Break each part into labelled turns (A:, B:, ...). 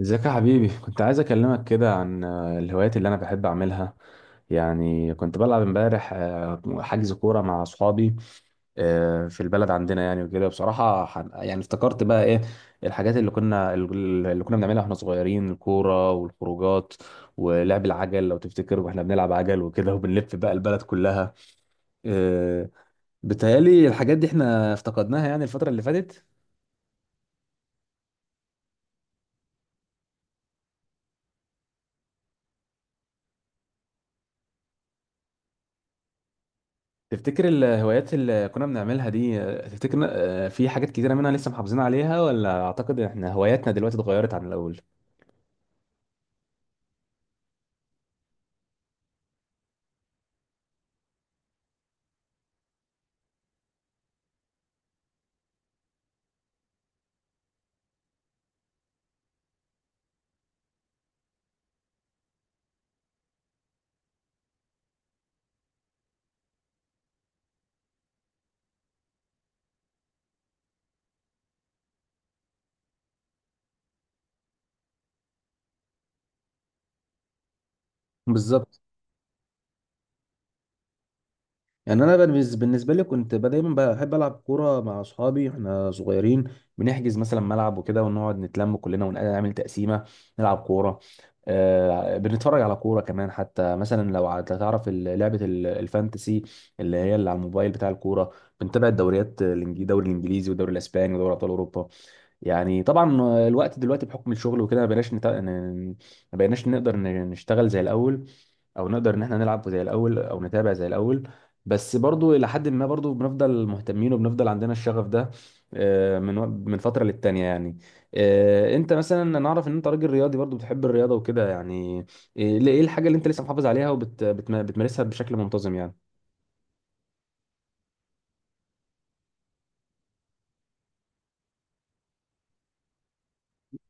A: ازيك يا حبيبي، كنت عايز اكلمك كده عن الهوايات اللي انا بحب اعملها. يعني كنت بلعب امبارح حجز كوره مع اصحابي في البلد عندنا يعني وكده، بصراحه يعني افتكرت بقى ايه الحاجات اللي كنا بنعملها واحنا صغيرين: الكوره والخروجات ولعب العجل. لو تفتكر واحنا بنلعب عجل وكده وبنلف بقى البلد كلها. آه، بتهيألي الحاجات دي احنا افتقدناها يعني الفتره اللي فاتت. تفتكر الهوايات اللي كنا بنعملها دي تفتكر، في حاجات كتيرة منها لسه محافظين عليها، ولا أعتقد إن إحنا هواياتنا دلوقتي اتغيرت عن الأول؟ بالظبط. يعني انا بالنسبه لي كنت دايما بحب العب كوره مع اصحابي احنا صغيرين. بنحجز مثلا ملعب وكده ونقعد نتلم كلنا ونعمل تقسيمه نلعب كوره. آه، بنتفرج على كوره كمان. حتى مثلا لو تعرف لعبه الفانتسي، اللي هي اللي على الموبايل بتاع الكوره. بنتابع الدوريات الدوري الانجليزي والدوري الاسباني ودوري ابطال اوروبا. يعني طبعا الوقت دلوقتي بحكم الشغل وكده ما بقيناش نقدر نشتغل زي الاول، او نقدر ان احنا نلعب زي الاول او نتابع زي الاول. بس برضو الى حد ما برضو بنفضل مهتمين وبنفضل عندنا الشغف ده من فتره للتانيه يعني. انت مثلا، انا اعرف ان انت راجل رياضي برضو بتحب الرياضه وكده يعني، إيه الحاجه اللي انت لسه محافظ عليها وبتمارسها بشكل منتظم يعني؟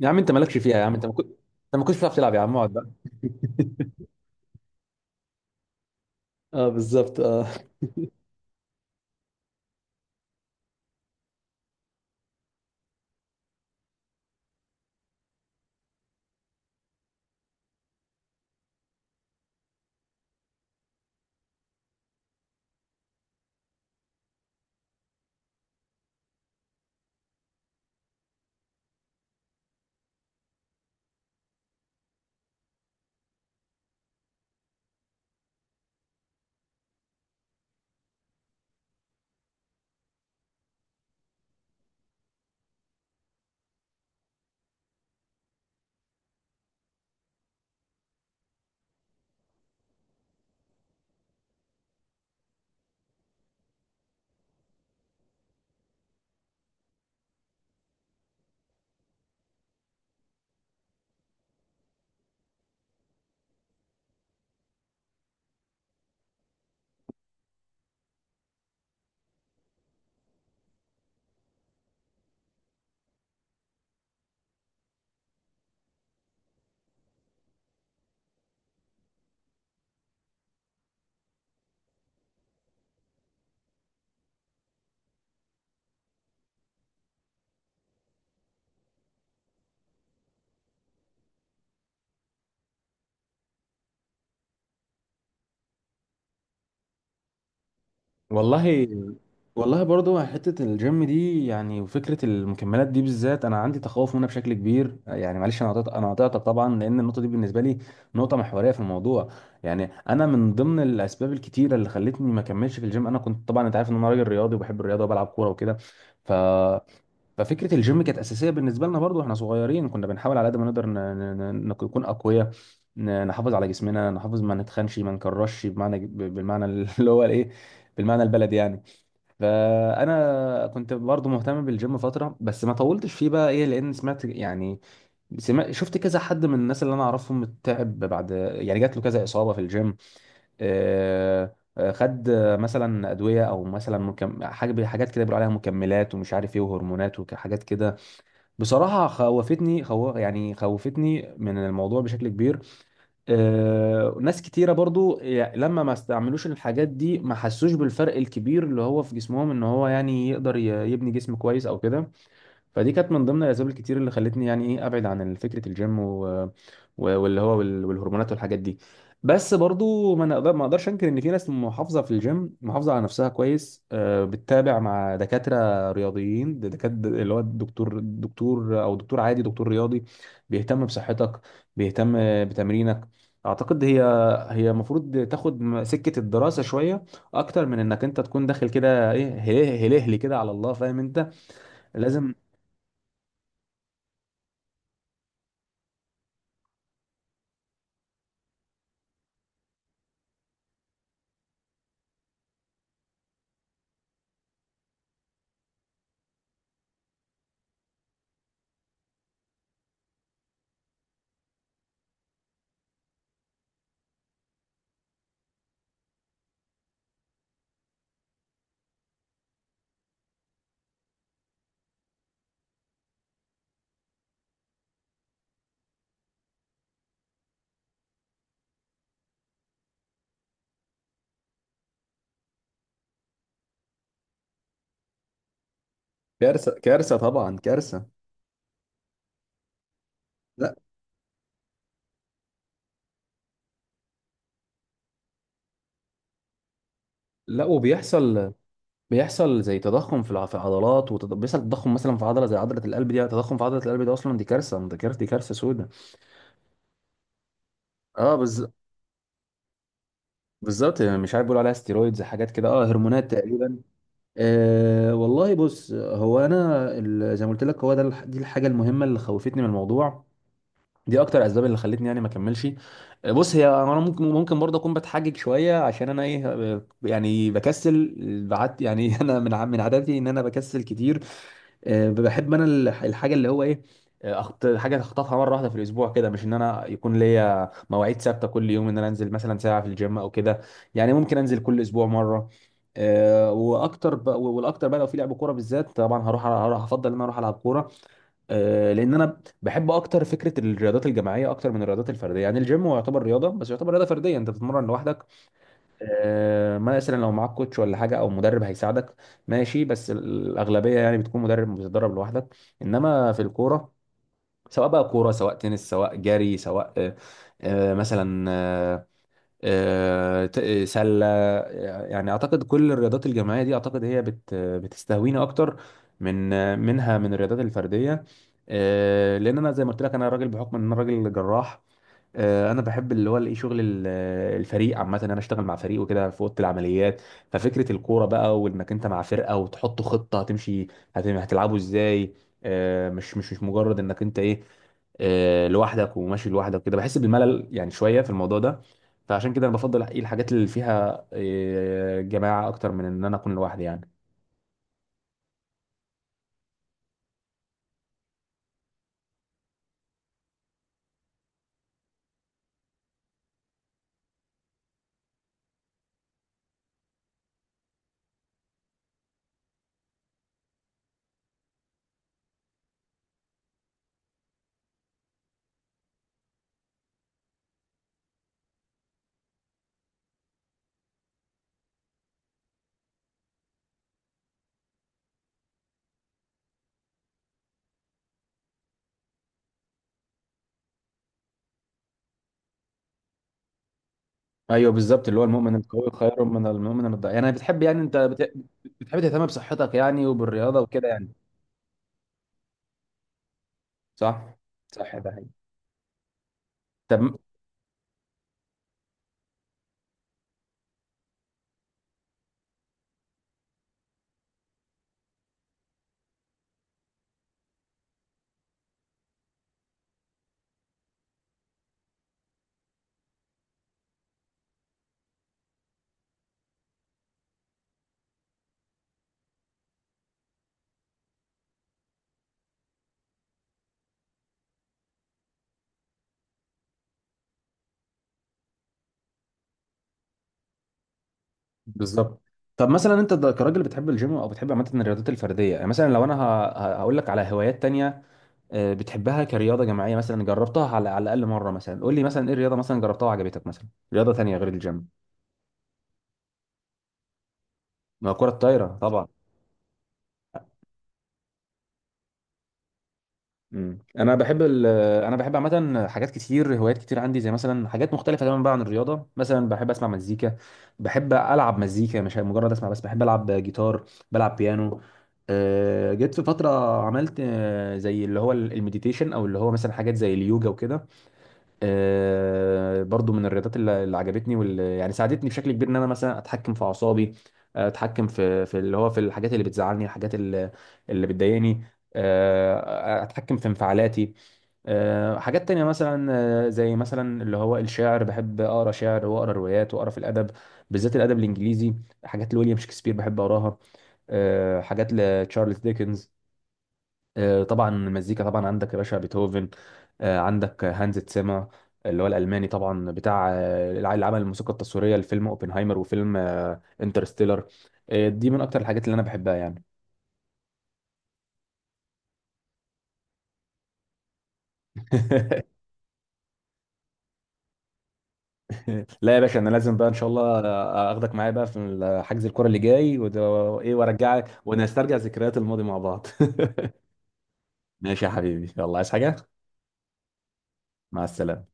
A: يا عم انت مالكش فيها، يا عم انت ما كنت انت ما كنتش بتعرف تلعب يا عم اقعد بقى. اه بالظبط، اه. والله، والله برضو حتة الجيم دي يعني وفكرة المكملات دي بالذات أنا عندي تخوف منها بشكل كبير. يعني معلش، أنا قطعتك طبعا لأن النقطة دي بالنسبة لي نقطة محورية في الموضوع. يعني أنا من ضمن الأسباب الكتيرة اللي خلتني ما أكملش في الجيم، أنا كنت طبعا أنت عارف إن أنا راجل رياضي وبحب الرياضة وبلعب كورة وكده. ف... ففكرة الجيم كانت أساسية بالنسبة لنا برضو إحنا صغيرين. كنا بنحاول على قد ما نقدر نكون أقوياء، نحافظ على جسمنا، نحافظ ما نتخنش ما نكرش بمعنى بالمعنى اللي هو الإيه، بالمعنى البلدي يعني. فانا كنت برضو مهتم بالجيم فتره، بس ما طولتش فيه بقى ايه، لان سمعت يعني، سمعت شفت كذا حد من الناس اللي انا اعرفهم تعب بعد، يعني جات له كذا اصابه في الجيم. خد مثلا ادويه، او مثلا حاجه حاجات كده بيقولوا عليها مكملات ومش عارف ايه، وهرمونات وحاجات كده. بصراحه خوفتني يعني خوفتني من الموضوع بشكل كبير. ناس كتيرة برضو لما ما استعملوش الحاجات دي ما حسوش بالفرق الكبير اللي هو في جسمهم، ان هو يعني يقدر يبني جسم كويس او كده. فدي كانت من ضمن الاسباب الكتير اللي خلتني يعني ايه ابعد عن فكره الجيم والهرمونات والحاجات دي. بس برضو ما اقدرش انكر ان في ناس محافظه في الجيم، محافظه على نفسها كويس. بتتابع مع دكاتره رياضيين، دكاتره اللي هو الدكتور، دكتور او دكتور عادي دكتور رياضي، بيهتم بصحتك، بيهتم بتمرينك. اعتقد هي، هي المفروض تاخد سكه الدراسه شويه اكتر من انك انت تكون داخل كده ايه، هلهلي كده على الله، فاهم انت. لازم. كارثة، كارثة طبعا، كارثة. لا. لا وبيحصل. بيحصل زي تضخم في في العضلات، وبيحصل تضخم مثلا في عضلة زي عضلة القلب دي، تضخم في عضلة القلب دي، أصلا دي كارثة، دي كارثة، دي كارثة سودة. اه بز... بالظبط. يعني مش عارف بيقولوا عليها ستيرويدز حاجات كده، اه هرمونات تقريبا. آه، والله بص، هو أنا زي ما قلت لك، هو ده دي الحاجة المهمة اللي خوفتني من الموضوع، دي اكتر اسباب اللي خلتني يعني ما اكملش. بص، هي انا ممكن، ممكن برضه اكون بتحجج شويه عشان انا ايه، يعني بكسل بعد يعني انا من من عاداتي ان انا بكسل كتير. بحب انا الحاجه اللي هو ايه، حاجه اخطفها مره واحده في الاسبوع كده، مش ان انا يكون ليا مواعيد ثابته كل يوم، ان انا انزل مثلا ساعه في الجيم او كده. يعني ممكن انزل كل اسبوع مره. والاكتر بقى لو في لعب كوره بالذات طبعا هروح، افضل ان انا اروح العب كوره. لان انا بحب اكتر فكره الرياضات الجماعيه اكتر من الرياضات الفرديه. يعني الجيم هو يعتبر رياضه، بس يعتبر رياضه فرديه، انت بتتمرن لوحدك. مثلا لو معاك كوتش ولا حاجه او مدرب هيساعدك، ماشي، بس الاغلبيه يعني بتكون مدرب بتتدرب لوحدك. انما في الكوره، سواء بقى كوره سواء تنس سواء جري سواء آه، آه، مثلا آه، آه، ت- آه، سلة، يعني أعتقد كل الرياضات الجماعية دي أعتقد هي بتستهويني أكتر من آه، منها من الرياضات الفردية. لأن أنا زي ما قلت لك، أنا راجل بحكم إن أنا راجل جراح. انا بحب اللي هو الايه شغل الفريق عامه، ان انا اشتغل مع فريق وكده في اوضه العمليات. ففكره الكوره بقى، وانك انت مع فرقه وتحط خطه هتمشي هتلعبوا ازاي. مش مجرد انك انت ايه، لوحدك وماشي لوحدك كده، بحس بالملل يعني شويه في الموضوع ده. فعشان كده انا بفضل الحاجات اللي فيها جماعه اكتر من ان انا اكون لوحدي يعني. ايوه بالظبط، اللي هو المؤمن القوي خير من المؤمن الضعيف. يعني بتحب، يعني انت بتحب تهتم بصحتك يعني وبالرياضه وكده يعني. صح. صح، ده حقيقي. طب. بالظبط. طب مثلا انت كراجل بتحب الجيم او بتحب عامه الرياضات الفرديه يعني، مثلا لو انا هقول لك على هوايات تانية بتحبها كرياضه جماعيه، مثلا جربتها على، على الاقل مره، مثلا قول لي مثلا ايه الرياضه مثلا جربتها وعجبتك، مثلا رياضه تانية غير الجيم. ما هو كره الطايره طبعا. مم. انا بحب انا بحب عامه حاجات كتير، هوايات كتير عندي، زي مثلا حاجات مختلفه تماما بقى عن الرياضه. مثلا بحب اسمع مزيكا، بحب العب مزيكا مش مجرد اسمع بس، بحب العب جيتار، بلعب بيانو. جيت في فتره عملت زي اللي هو المديتيشن، او اللي هو مثلا حاجات زي اليوجا وكده. برضو من الرياضات اللي عجبتني، واللي يعني ساعدتني بشكل كبير ان انا مثلا اتحكم في اعصابي، اتحكم في اللي هو في الحاجات اللي بتزعلني، الحاجات اللي بتضايقني، اتحكم في انفعالاتي. حاجات تانية مثلا زي مثلا اللي هو الشعر، بحب اقرا شعر واقرا روايات واقرا في الادب، بالذات الادب الانجليزي. حاجات لويليام شكسبير بحب اقراها، حاجات لتشارلز ديكنز. طبعا المزيكا، طبعا عندك يا باشا بيتهوفن، عندك هانز تسيما اللي هو الالماني، طبعا بتاع اللي عمل الموسيقى التصويريه لفيلم اوبنهايمر وفيلم انترستيلر. دي من اكتر الحاجات اللي انا بحبها يعني. لا يا باشا، انا لازم بقى ان شاء الله اخدك معايا بقى في حجز الكرة اللي جاي وايه، وارجعك ونسترجع ذكريات الماضي مع بعض. ماشي يا حبيبي، يلا عايز حاجه؟ مع السلامه.